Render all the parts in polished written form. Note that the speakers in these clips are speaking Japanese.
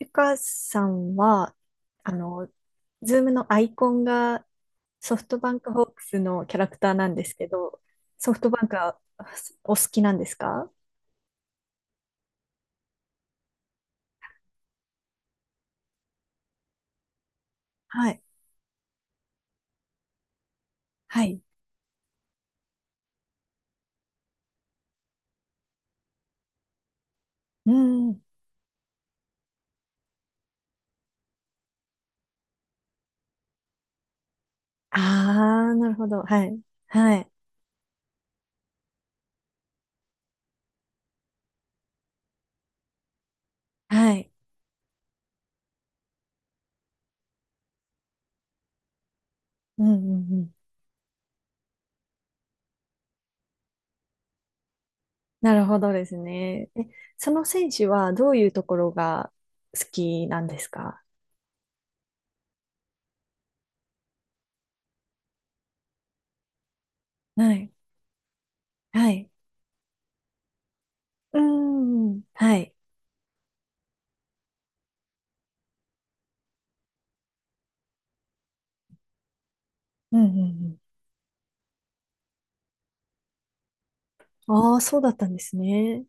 ゆかさんは、あの、ズームのアイコンがソフトバンクホークスのキャラクターなんですけど、ソフトバンクはお好きなんですか？はい。はい。うん。ああ、なるほど。はい。はい。はい。うんうんうん。なるほどですね。え、その選手はどういうところが好きなんですか？はい。はい。うん。はい。うんうんうん。ああ、そうだったんですね。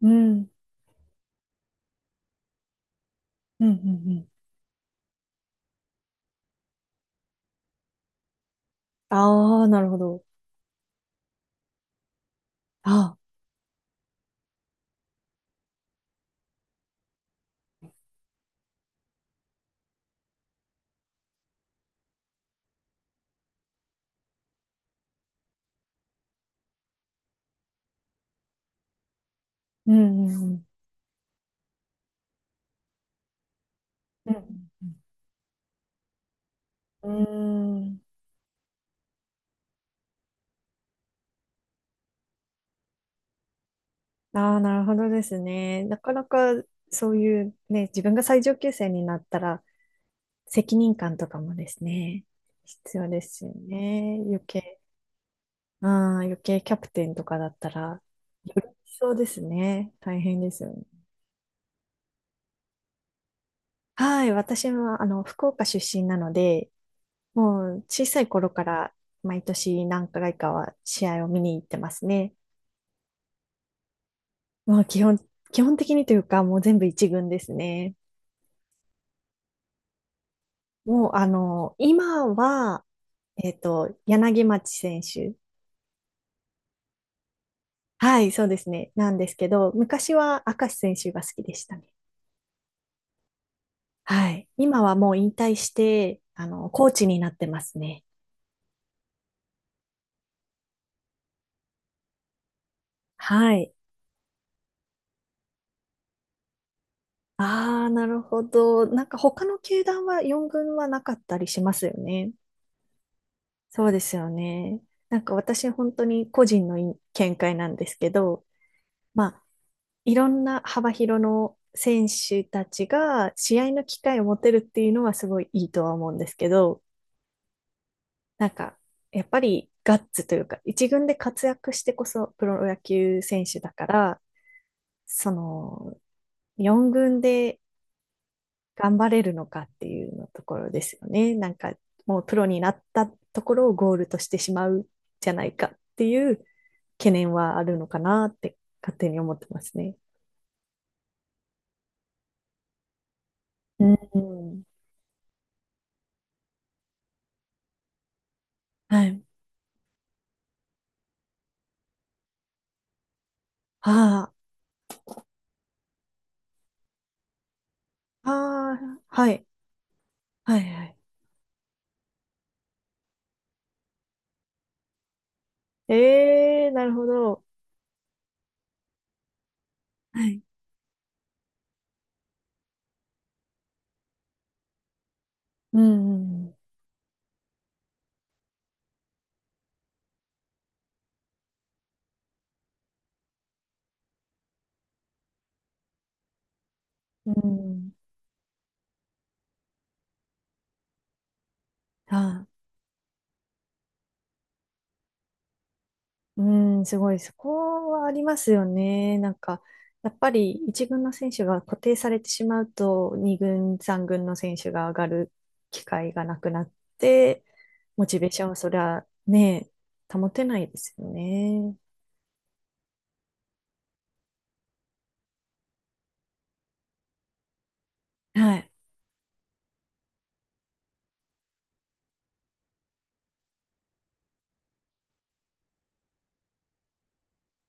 うん。うんうんうん。ああ、なるほど。ああ、うんうんうん。うんうんうん。うーん。ああ、なるほどですね。なかなかそういうね、自分が最上級生になったら責任感とかもですね、必要ですよね。うん、余計キャプテンとかだったら、よりそうですね。大変ですよね。はい、私は福岡出身なので、もう小さい頃から毎年何回かは試合を見に行ってますね。まあ、基本的にというか、もう全部一軍ですね。もう、今は、柳町選手。はい、そうですね。なんですけど、昔は明石選手が好きでしたね。はい。今はもう引退して、コーチになってますね。はい。ああ、なるほど。なんか他の球団は4軍はなかったりしますよね。そうですよね。なんか私本当に個人の見解なんですけど、まあいろんな幅広の選手たちが試合の機会を持てるっていうのはすごいいいとは思うんですけど、なんかやっぱりガッツというか、一軍で活躍してこそプロ野球選手だから、その4軍で頑張れるのかっていうのところですよね。なんかもうプロになったところをゴールとしてしまうじゃないかっていう懸念はあるのかなって勝手に思ってますね。うん。はい。ああ。ああ、はい。はい、はい。ええ、なるほど。はい。うん、うんうん、うん。あー、あうん、すごい。そこはありますよね。なんか、やっぱり一軍の選手が固定されてしまうと、二軍、三軍の選手が上がる機会がなくなって、モチベーションはそりゃね、保てないですよね。はい。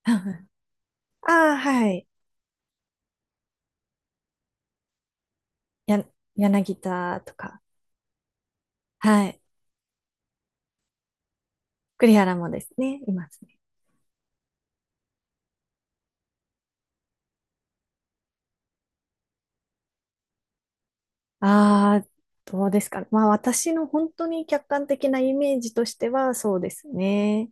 ああー、はい。や、柳田とか、はい。栗原もですね、いますね。ああ、どうですかね。まあ私の本当に客観的なイメージとしてはそうですね。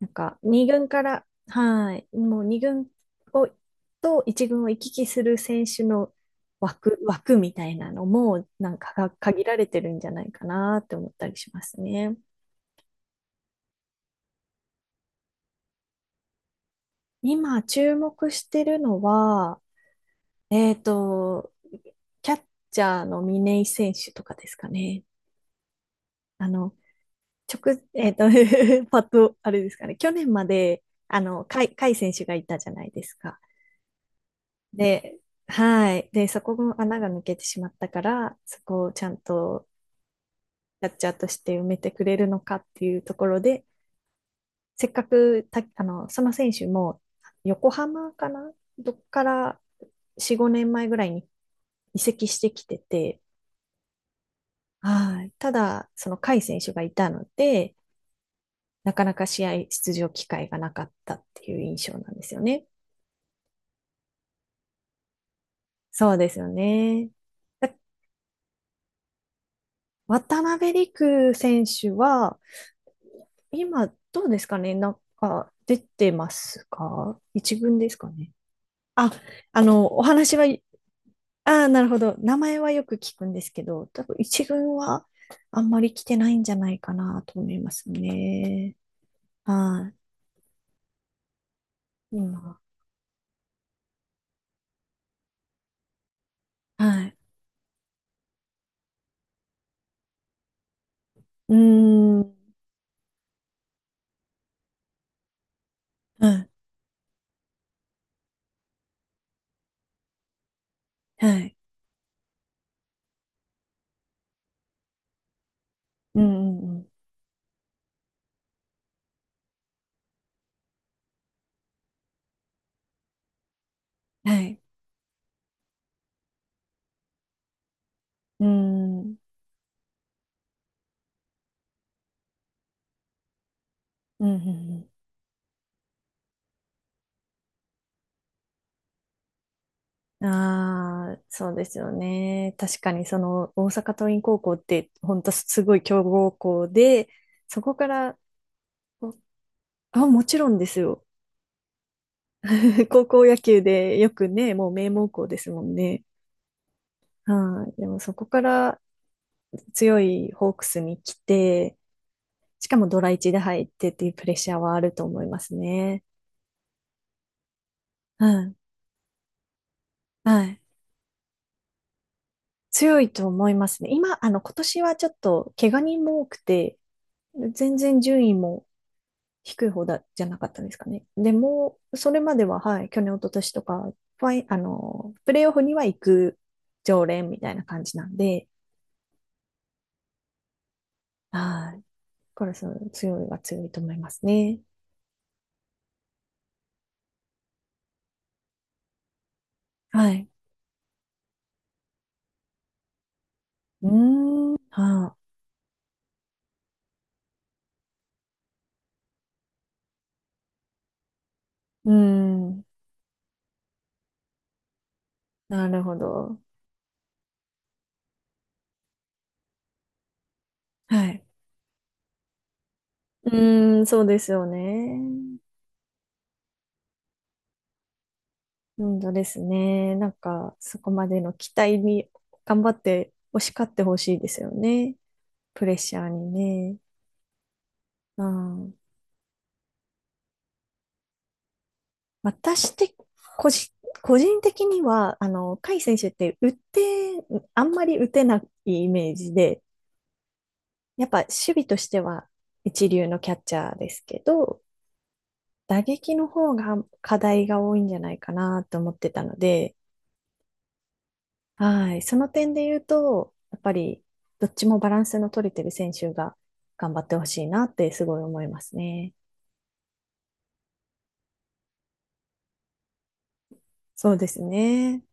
なんか2軍から、はい、もう2軍をと1軍を行き来する選手の枠みたいなのもなんかが限られてるんじゃないかなって思ったりしますね。今注目してるのは、えっと、キャッチャーの嶺井選手とかですかね。あの、直、えっと、パッと、あれですかね、去年まで、甲斐選手がいたじゃないですか。で、はい。で、そこも穴が抜けてしまったから、そこをちゃんとキャッチャーとして埋めてくれるのかっていうところで、せっかくた、その選手も、横浜かなどっから4、5年前ぐらいに移籍してきてて、はい。ただ、その甲斐選手がいたので、なかなか試合出場機会がなかったっていう印象なんですよね。そうですよね。だ渡辺陸選手は、今、どうですかね、なんか出てますか、一軍ですかね。あ、お話は、なるほど。名前はよく聞くんですけど、多分一軍はあんまり来てないんじゃないかなと思いますね。はい、今、はい。うーん、はい、はい、うん、うん、うん、はい、うーん、うん、うん、うん、ああ、そうですよね。確かにその大阪桐蔭高校って本当すごい強豪校で、そこから、おもちろんですよ。高校野球でよくね、もう名門校ですもんね。はい。でもそこから強いホークスに来て、しかもドラ1で入ってっていうプレッシャーはあると思いますね。うん。はい。強いと思いますね。今、今年はちょっと怪我人も多くて、全然順位も低い方だ、じゃなかったですかね。でも、それまでは、はい、去年、一昨年とか、ファイ、プレイオフには行く常連みたいな感じなんで、はい。これそう、強いは強いと思いますね。はい。うーん、はあ、うーん、なるほど。はい。うーん、そうですよね。うんとですね。なんか、そこまでの期待に頑張って、押し勝ってほしいですよね。プレッシャーにね。うん。私的、個人、個人的には、甲斐選手って打って、あんまり打てないイメージで、やっぱ守備としては一流のキャッチャーですけど、打撃の方が課題が多いんじゃないかなと思ってたので、はい、その点で言うと、やっぱりどっちもバランスの取れてる選手が頑張ってほしいなってすごい思いますね。そうですね。